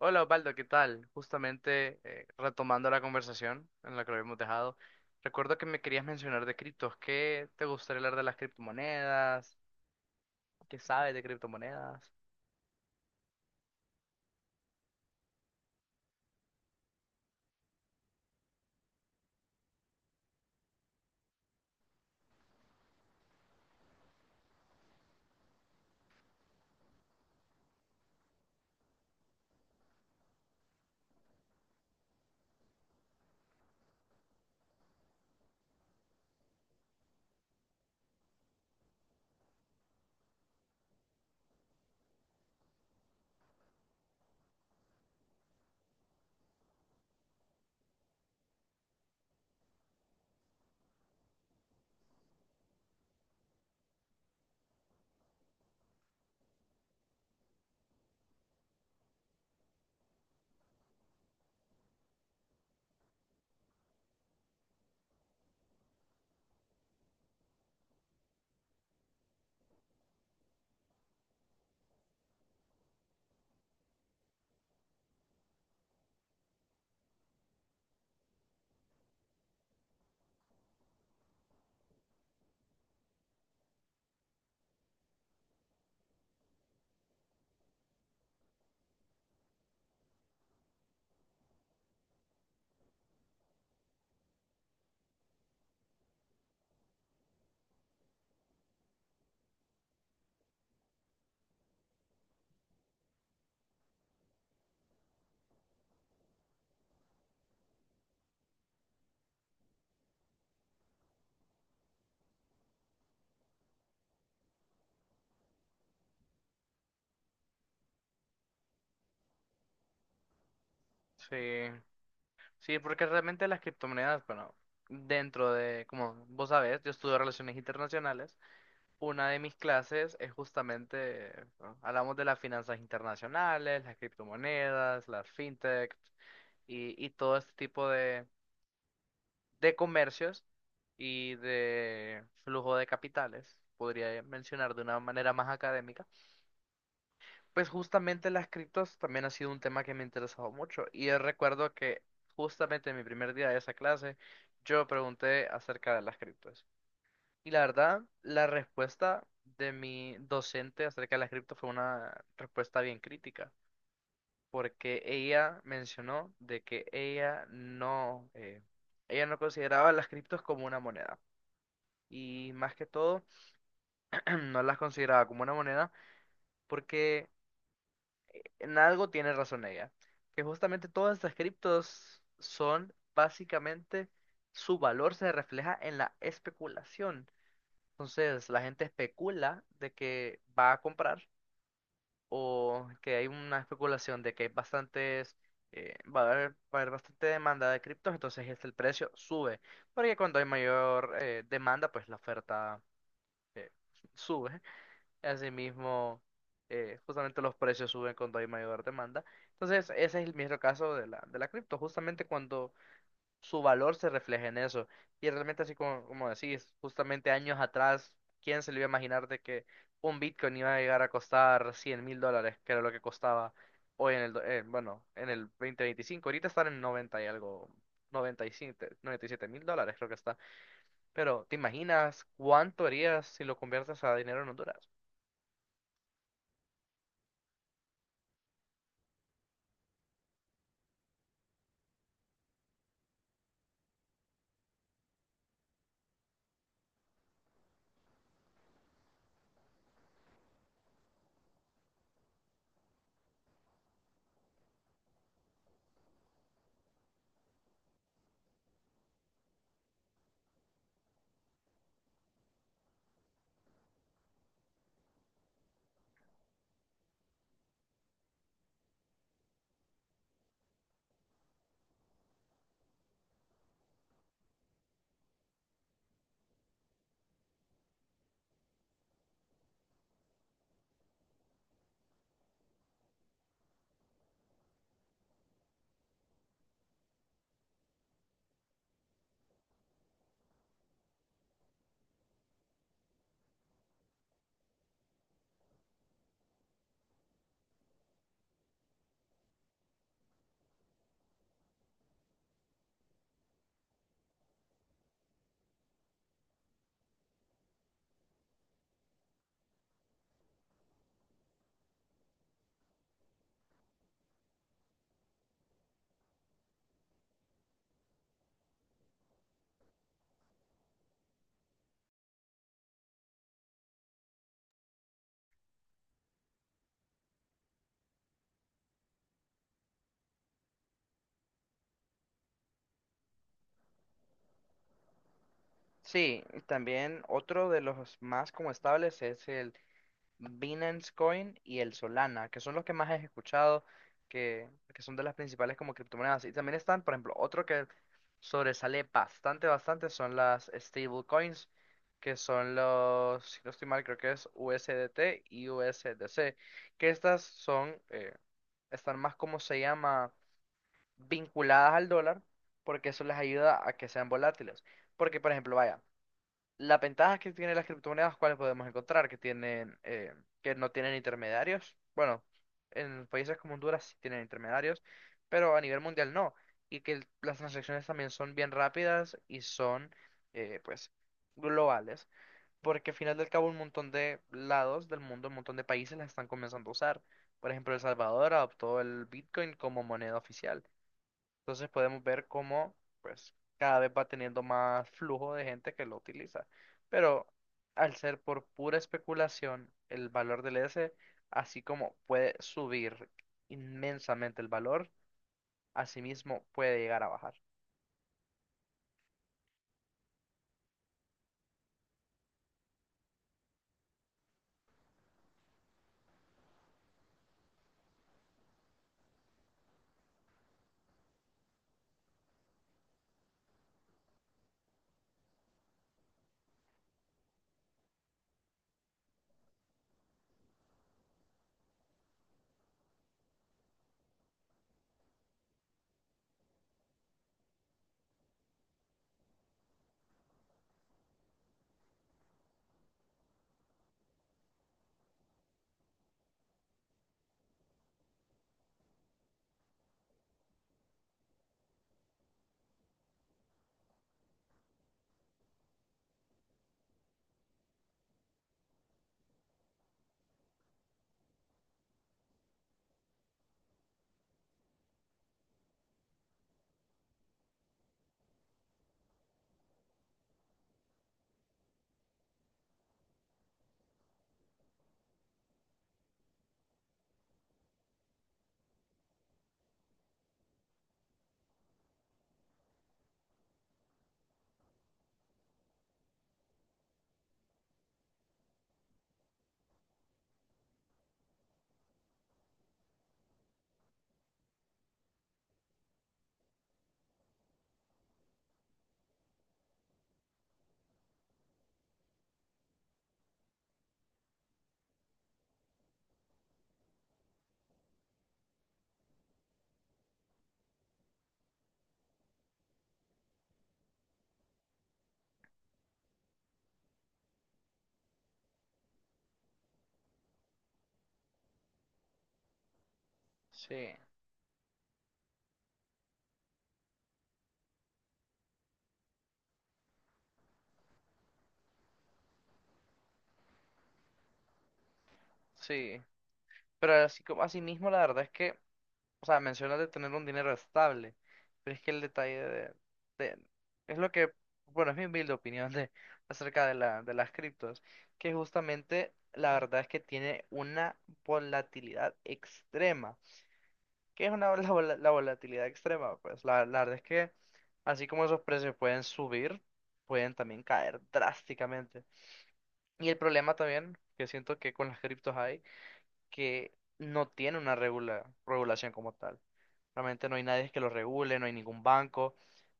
Hola Osvaldo, ¿qué tal? Justamente retomando la conversación en la que lo habíamos dejado, recuerdo que me querías mencionar de criptos. ¿Qué te gustaría hablar de las criptomonedas? ¿Qué sabes de criptomonedas? Sí, sí, porque realmente las criptomonedas, bueno, dentro de, como vos sabés, yo estudio relaciones internacionales. Una de mis clases es justamente, bueno, hablamos de las finanzas internacionales, las criptomonedas, las fintech y todo este tipo de comercios y de flujo de capitales, podría mencionar de una manera más académica, pues justamente las criptos también ha sido un tema que me ha interesado mucho. Y yo recuerdo que justamente en mi primer día de esa clase, yo pregunté acerca de las criptos. Y la verdad, la respuesta de mi docente acerca de las criptos fue una respuesta bien crítica, porque ella mencionó de que ella no consideraba las criptos como una moneda. Y más que todo no las consideraba como una moneda porque en algo tiene razón ella, que justamente todas estas criptos son básicamente su valor se refleja en la especulación. Entonces la gente especula de que va a comprar o que hay una especulación de que va a haber bastante demanda de criptos, entonces este, el precio sube, porque cuando hay mayor demanda, pues la oferta eh, sube. Asimismo, justamente los precios suben cuando hay mayor demanda. Entonces, ese es el mismo caso de la cripto, justamente cuando su valor se refleja en eso. Y realmente, así como, como decís, justamente años atrás, ¿quién se le iba a imaginar de que un Bitcoin iba a llegar a costar $100,000, que era lo que costaba hoy en el, en el 2025? Ahorita están en 90 y algo, noventa noventa y siete $97,000 creo que está. Pero, ¿te imaginas cuánto harías si lo conviertes a dinero en Honduras? Sí, y también otro de los más como estables es el Binance Coin y el Solana, que son los que más he escuchado, que son de las principales como criptomonedas. Y también están, por ejemplo, otro que sobresale bastante, bastante son las stable coins, que son los, si no estoy mal, creo que es USDT y USDC, que estas son, están más, como se llama, vinculadas al dólar, porque eso les ayuda a que sean volátiles. Porque, por ejemplo, vaya. Las ventajas que tienen las criptomonedas, ¿cuáles podemos encontrar? Que tienen, que no tienen intermediarios. Bueno, en países como Honduras sí tienen intermediarios, pero a nivel mundial no. Y que las transacciones también son bien rápidas y son, eh, pues, globales. Porque al final del cabo un montón de lados del mundo, un montón de países las están comenzando a usar. Por ejemplo, El Salvador adoptó el Bitcoin como moneda oficial. Entonces podemos ver cómo pues cada vez va teniendo más flujo de gente que lo utiliza. Pero al ser por pura especulación, el valor así como puede subir inmensamente el valor, asimismo puede llegar a bajar. Sí, sí. Pero así como asimismo, la verdad es que, o sea, mencionas de tener un dinero estable, pero es que el detalle de- es lo que, bueno, es mi humilde opinión de, acerca de la, de las criptos, que justamente la verdad es que tiene una volatilidad extrema. ¿Qué es la volatilidad extrema? Pues la verdad es que así como esos precios pueden subir, pueden también caer drásticamente. Y el problema también que siento que con las criptos hay, que no tiene una regulación como tal. Realmente no hay nadie que lo regule, no hay ningún banco,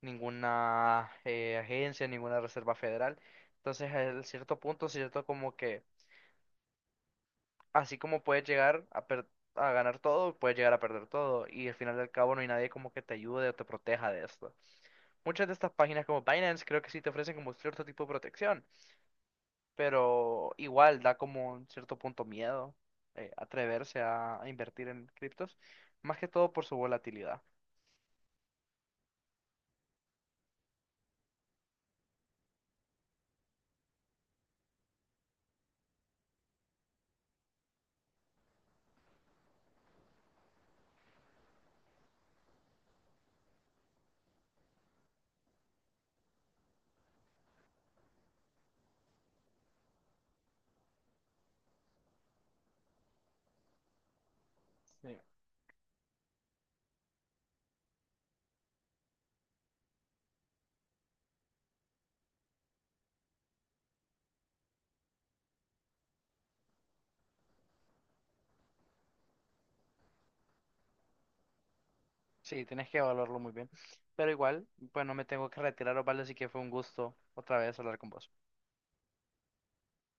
ninguna agencia, ninguna reserva federal. Entonces, a cierto punto, cierto como que, así como puedes llegar a ganar todo, puedes llegar a perder todo. Y al final del cabo no hay nadie como que te ayude o te proteja de esto. Muchas de estas páginas como Binance creo que sí te ofrecen como cierto tipo de protección, pero igual da como un cierto punto miedo atreverse a invertir en criptos, más que todo por su volatilidad. Sí. Sí, tienes que evaluarlo muy bien. Pero igual, pues no me tengo que retirar, Osvaldo, así que fue un gusto otra vez hablar con vos.